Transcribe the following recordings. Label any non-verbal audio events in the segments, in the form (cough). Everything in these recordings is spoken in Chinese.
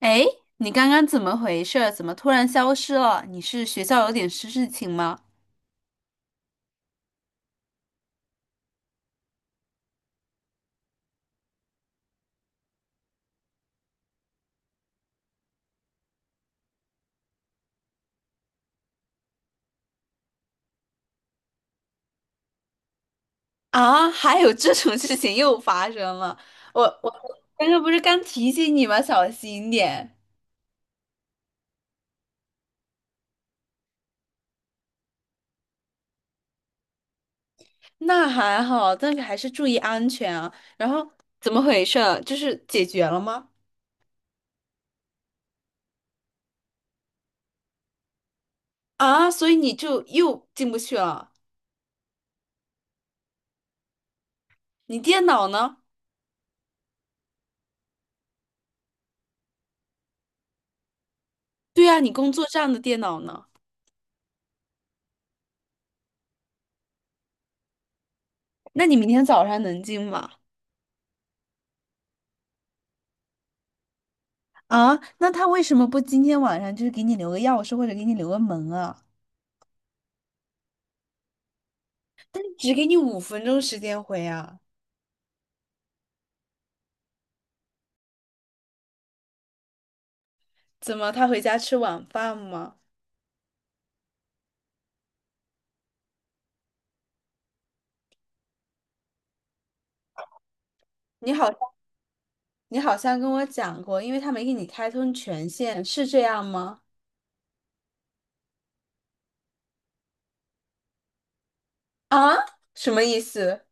哎，你刚刚怎么回事儿怎么突然消失了？你是学校有点事事情吗？啊，还有这种事情又发生了！我刚刚不是刚提醒你吗？小心点。那还好，但是还是注意安全啊。然后怎么回事儿就是解决了吗？啊，所以你就又进不去了。你电脑呢？对啊，你工作站的电脑呢？那你明天早上能进吗？啊，那他为什么不今天晚上就是给你留个钥匙或者给你留个门啊？只给你5分钟时间回啊？怎么他回家吃晚饭吗？你好像，你好像跟我讲过，因为他没给你开通权限，是这样吗？啊？什么意思？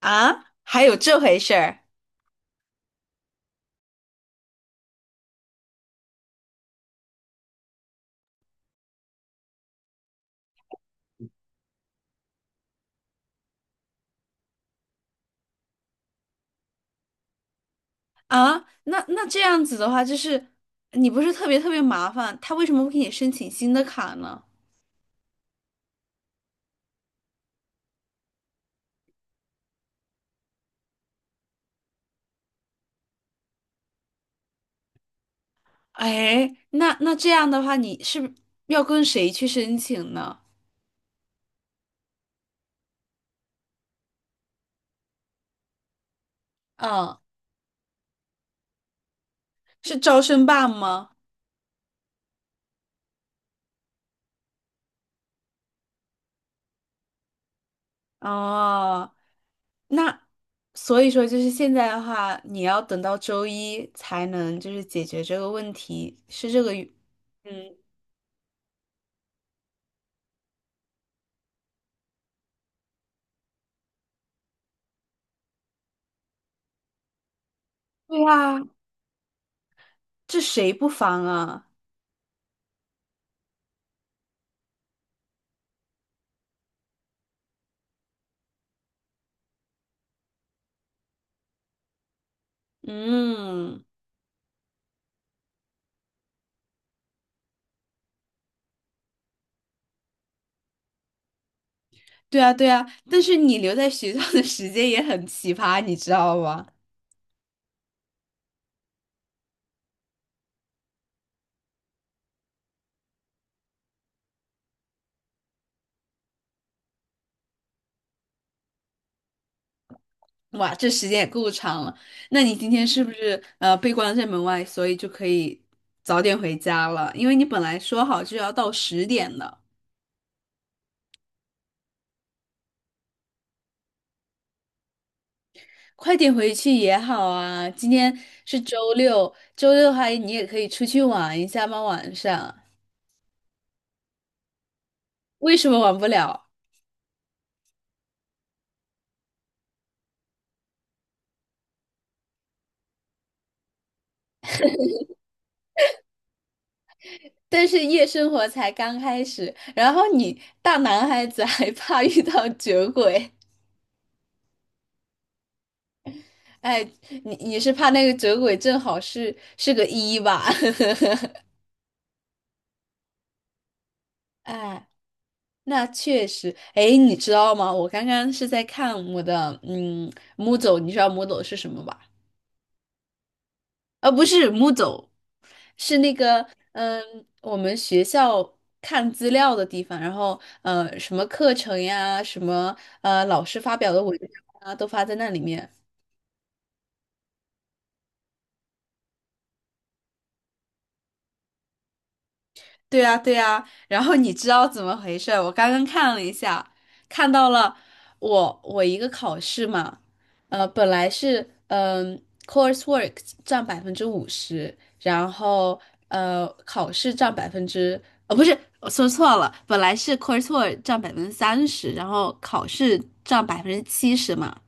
啊？还有这回事儿啊？那那这样子的话，就是你不是特别特别麻烦，他为什么不给你申请新的卡呢？哎，那那这样的话，你是要跟谁去申请呢？啊，是招生办吗？哦，那所以说，就是现在的话，你要等到周一才能就是解决这个问题，是这个原嗯，对啊，这谁不防啊？嗯，对啊，对啊，但是你留在学校的时间也很奇葩，你知道吗？哇，这时间也够长了。那你今天是不是被关在门外，所以就可以早点回家了？因为你本来说好是要到10点的。快点回去也好啊。今天是周六，周六的话你也可以出去玩一下嘛，晚上。为什么玩不了？但是夜生活才刚开始，然后你大男孩子还 (laughs) 怕遇到酒鬼，哎，你你是怕那个酒鬼正好是个一吧？(laughs) 哎，那确实，哎，你知道吗？我刚刚是在看我的m o o d l 你知道 m o o d l 是什么吧？不是木走，是那个我们学校看资料的地方，然后什么课程呀，什么老师发表的文章啊，都发在那里面。对呀，对呀，然后你知道怎么回事？我刚刚看了一下，看到了我一个考试嘛，本来是coursework 占50%，然后考试占百分之不是我说错了，本来是 coursework 占30%，然后考试占70%嘛，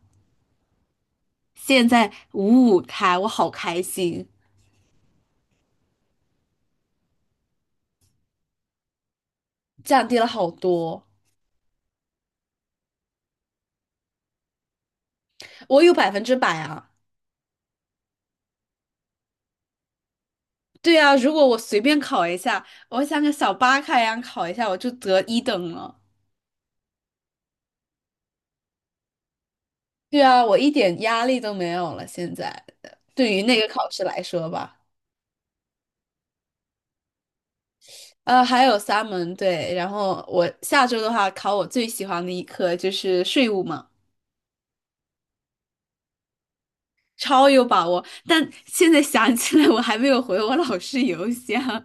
现在五五开，我好开心，降低了好多，我有100%啊。对啊，如果我随便考一下，我像个小巴卡一样考一下，我就得一等了。对啊，我一点压力都没有了。现在对于那个考试来说吧，还有3门对，然后我下周的话考我最喜欢的一科就是税务嘛，超有把握。但现在想起来，我还没有回我老师邮箱。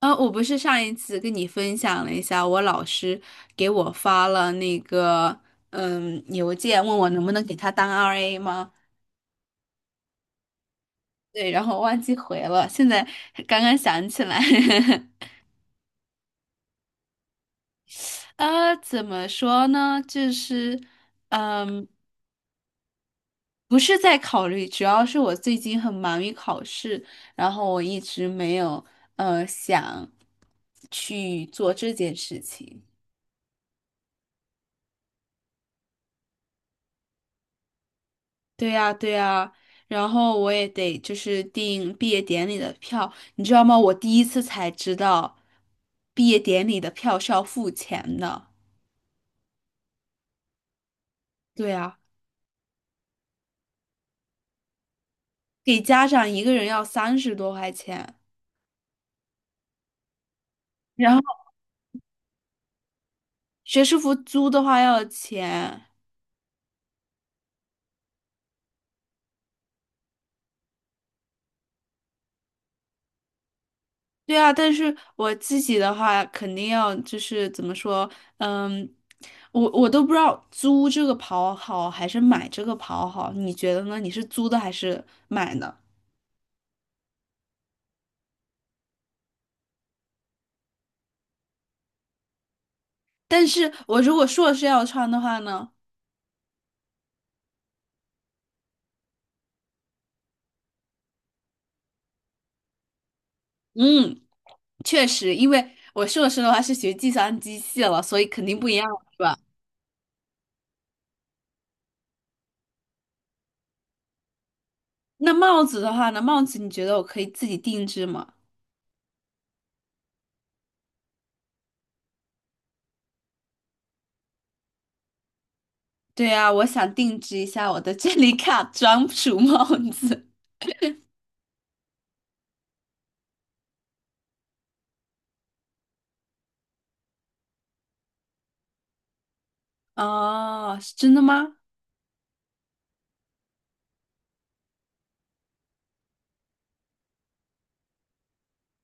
我不是上一次跟你分享了一下，我老师给我发了那个邮件，问我能不能给他当 RA 吗？对，然后忘记回了，现在刚刚想起来。(laughs) 怎么说呢？就是，嗯，不是在考虑，主要是我最近很忙于考试，然后我一直没有想去做这件事情。对呀，对呀，然后我也得就是订毕业典礼的票，你知道吗？我第一次才知道，毕业典礼的票是要付钱的。对呀。给家长一个人要30多块钱，然后学士服租的话要钱。对啊，但是我自己的话肯定要就是怎么说，嗯，我都不知道租这个袍好还是买这个袍好，你觉得呢？你是租的还是买呢？但是我如果硕士要穿的话呢，嗯，确实，因为我硕士的话是学计算机系了，所以肯定不一样了是吧？那帽子的话呢，帽子你觉得我可以自己定制吗？对呀，我想定制一下我的 (laughs) 这里卡专属帽子。哦，是真的吗？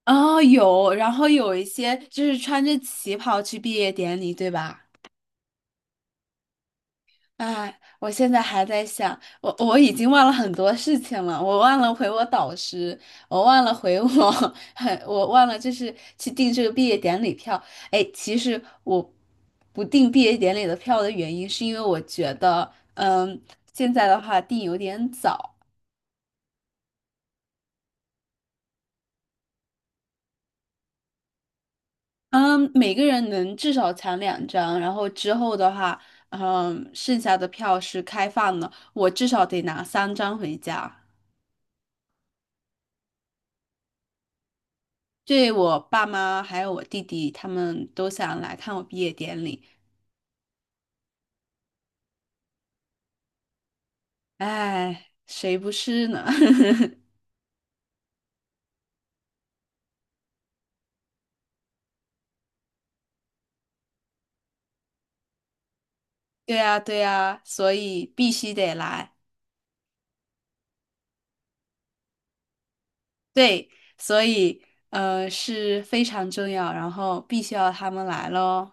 哦，有，然后有一些就是穿着旗袍去毕业典礼，对吧？哎，我现在还在想，我已经忘了很多事情了，我忘了回我导师，我忘了回我，(laughs) 我忘了就是去订这个毕业典礼票。哎，其实我不订毕业典礼的票的原因，是因为我觉得，嗯，现在的话订有点早。嗯，每个人能至少抢2张，然后之后的话，嗯，剩下的票是开放的，我至少得拿3张回家。对我爸妈还有我弟弟，他们都想来看我毕业典礼，哎，谁不是呢？(laughs) 对呀，对呀，所以必须得来。对，所以是非常重要，然后必须要他们来咯。